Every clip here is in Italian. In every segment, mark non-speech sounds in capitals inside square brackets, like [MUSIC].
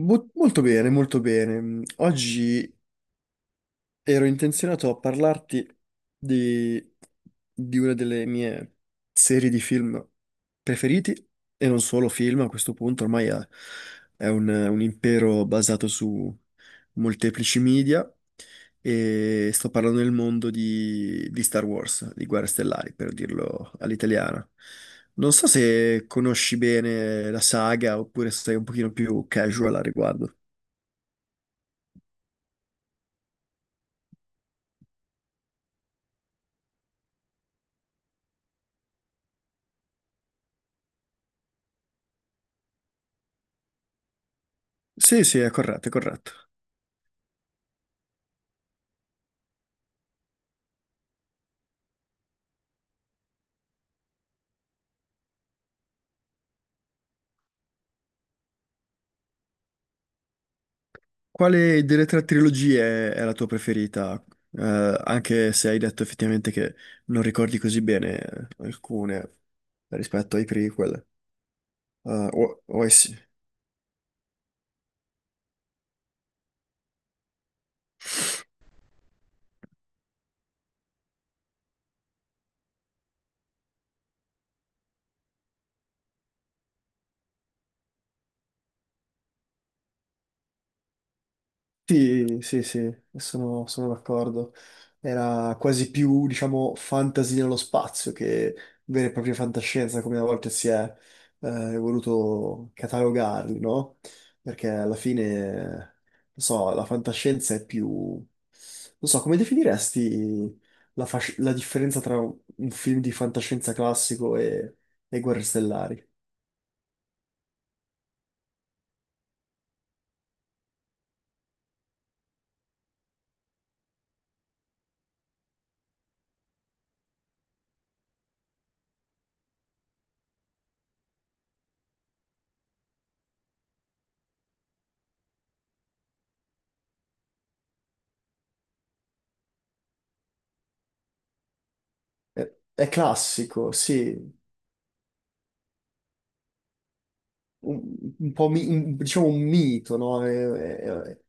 Molto bene, molto bene. Oggi ero intenzionato a parlarti di, di una delle mie serie di film preferiti, e non solo film, a questo punto ormai è un impero basato su molteplici media, e sto parlando del mondo di Star Wars, di Guerre Stellari, per dirlo all'italiana. Non so se conosci bene la saga oppure se sei un pochino più casual al riguardo. Sì, sì, è corretto, è corretto. Quale delle tre trilogie è la tua preferita? Eh, Anche se hai detto effettivamente che non ricordi così bene alcune rispetto ai prequel, eh, o, o ai, s- Sì, sì, sì, sono, sono d'accordo. Era quasi più, diciamo, fantasy nello spazio che vera e propria fantascienza, come a volte si è voluto catalogarli, no? Perché alla fine, non so, la fantascienza è più. Non so, come definiresti la differenza tra un film di fantascienza classico e Guerre Stellari? È classico, sì, un, un po' diciamo un mito, no? È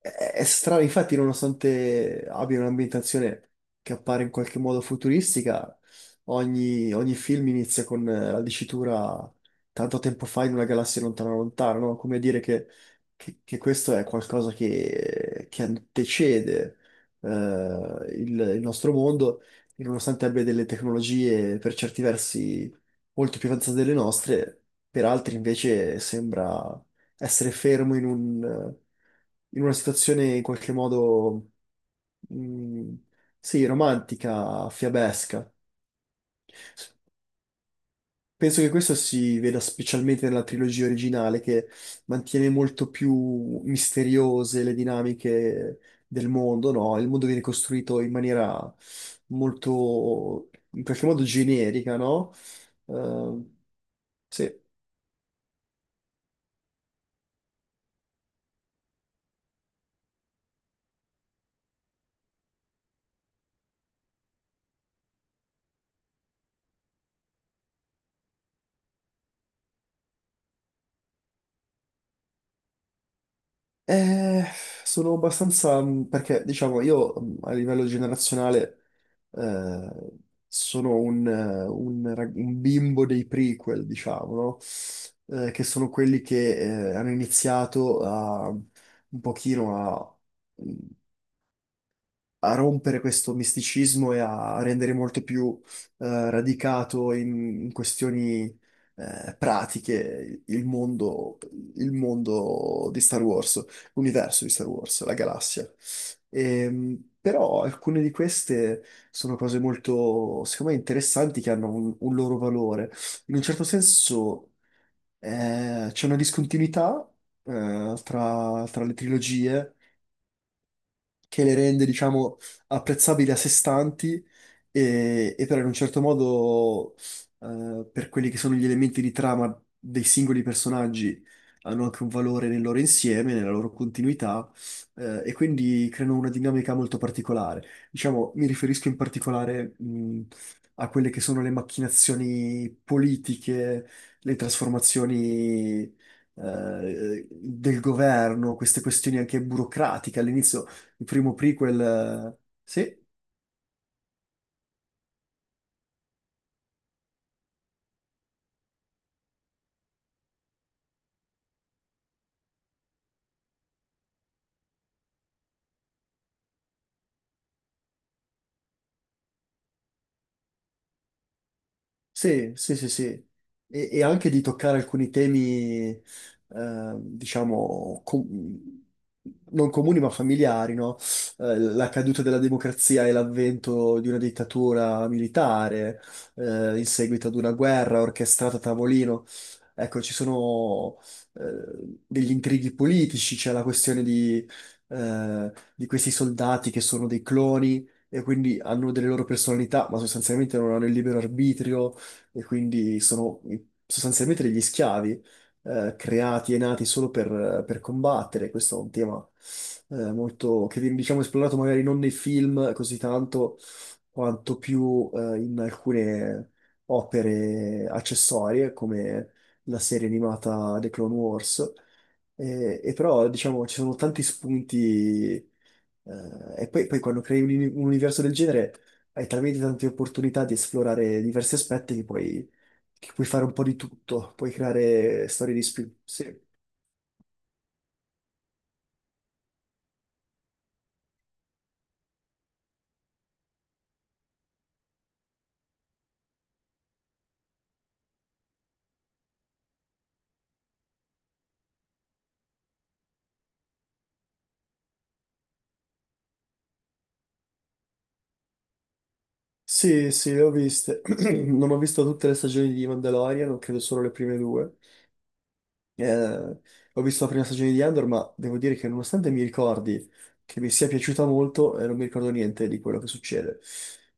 è strano, infatti, nonostante abbia un'ambientazione che appare in qualche modo futuristica, ogni, ogni film inizia con la dicitura tanto tempo fa in una galassia lontana lontana, no? Come dire che, che questo è qualcosa che antecede eh, il nostro mondo, e nonostante abbia delle tecnologie per certi versi molto più avanzate delle nostre, per altri invece sembra essere fermo in un, in una situazione in qualche modo, mm, sì, romantica, fiabesca. Penso che questo si veda specialmente nella trilogia originale, che mantiene molto più misteriose le dinamiche del mondo, no? Il mondo viene costruito in maniera molto, in qualche modo generica, no? Eh, sì. Eh, Sono abbastanza, perché diciamo io a livello generazionale eh, sono un, un bimbo dei prequel, diciamo, no? Che sono quelli che hanno iniziato a, un pochino a mm, a rompere questo misticismo e a rendere molto più radicato in, in questioni pratiche il mondo di Star Wars, l'universo di Star Wars, la galassia. Però alcune di queste sono cose molto, secondo me, interessanti che hanno un loro valore. In un certo senso c'è una discontinuità tra le trilogie che le rende, diciamo, apprezzabili a sé stanti e però in un certo modo per quelli che sono gli elementi di trama dei singoli personaggi hanno anche un valore nel loro insieme, nella loro continuità e quindi creano una dinamica molto particolare. Diciamo, mi riferisco in particolare a quelle che sono le macchinazioni politiche, le trasformazioni del governo, queste questioni anche burocratiche. All'inizio il primo prequel. Sì, sì, sì, sì, sì. E anche di toccare alcuni temi, diciamo, non comuni ma familiari, no? La caduta della democrazia e l'avvento di una dittatura militare, in seguito ad una guerra orchestrata a tavolino. Ecco, ci sono, degli intrighi politici, c'è la questione di questi soldati che sono dei cloni e quindi hanno delle loro personalità, ma sostanzialmente non hanno il libero arbitrio e quindi sono sostanzialmente degli schiavi creati e nati solo per combattere. Questo è un tema molto che viene, diciamo esplorato magari non nei film così tanto quanto più in alcune opere accessorie come la serie animata The Clone Wars. E però diciamo ci sono tanti spunti e poi, poi quando crei un universo del genere hai talmente tante opportunità di esplorare diversi aspetti che puoi fare un po' di tutto, puoi creare storie di spin. Sì, sì, sì, le ho viste. [CLEARS THROAT] Non ho visto tutte le stagioni di Mandalorian, ho credo solo le prime due. Eh, Ho visto la prima stagione di Andor, ma devo dire che nonostante mi ricordi che mi sia piaciuta molto, non mi ricordo niente di quello che succede.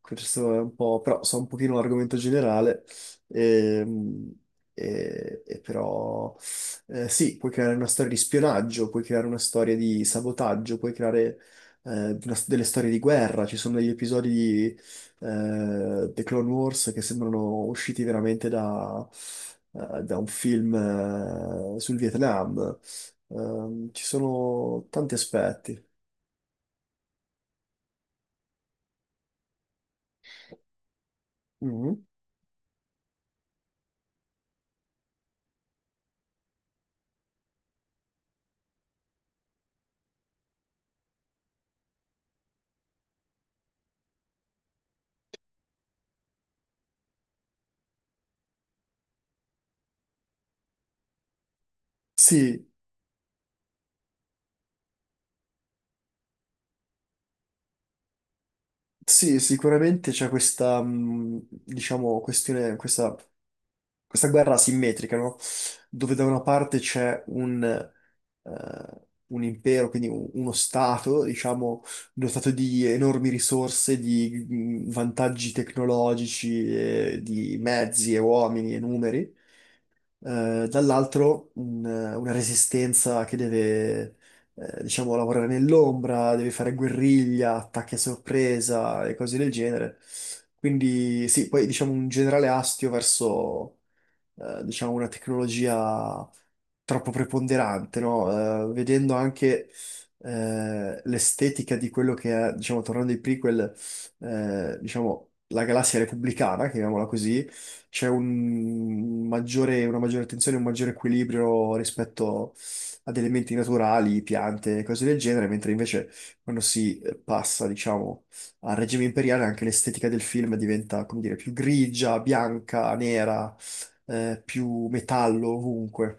Questo è un po', però so un pochino l'argomento generale, ehm, e però sì, puoi creare una storia di spionaggio, puoi creare una storia di sabotaggio, puoi creare delle storie di guerra, ci sono degli episodi The Clone Wars che sembrano usciti veramente da, da un film sul Vietnam. Ci sono tanti aspetti. Mhm. Sì, sì, sicuramente c'è questa, diciamo, questione, questa guerra asimmetrica, no? Dove da una parte c'è un impero, quindi uno stato, diciamo, dotato di enormi risorse, di vantaggi tecnologici, di mezzi e uomini e numeri, dall'altro una resistenza che deve, diciamo, lavorare nell'ombra, deve fare guerriglia, attacchi a sorpresa e cose del genere. Quindi sì, poi diciamo un generale astio verso diciamo, una tecnologia troppo preponderante, no? Vedendo anche l'estetica di quello che è, diciamo, tornando ai prequel, diciamo, la galassia repubblicana, chiamiamola così, c'è un una maggiore attenzione, un maggiore equilibrio rispetto ad elementi naturali, piante, cose del genere, mentre invece quando si passa, diciamo, al regime imperiale anche l'estetica del film diventa, come dire, più grigia, bianca, nera, più metallo ovunque.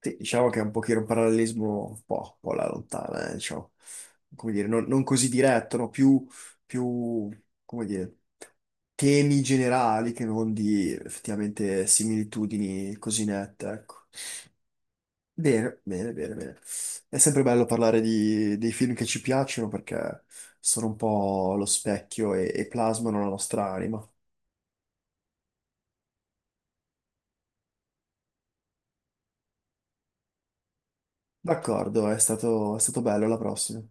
Sì, diciamo che è un pochino un parallelismo un po' alla lontana, diciamo, come dire, non, non così diretto, no? Più, più, come dire, temi generali che non di effettivamente similitudini così nette, ecco. Bene, bene, bene, bene. È sempre bello parlare di, dei film che ci piacciono perché sono un po' lo specchio e plasmano la nostra anima. D'accordo, è stato bello, alla prossima.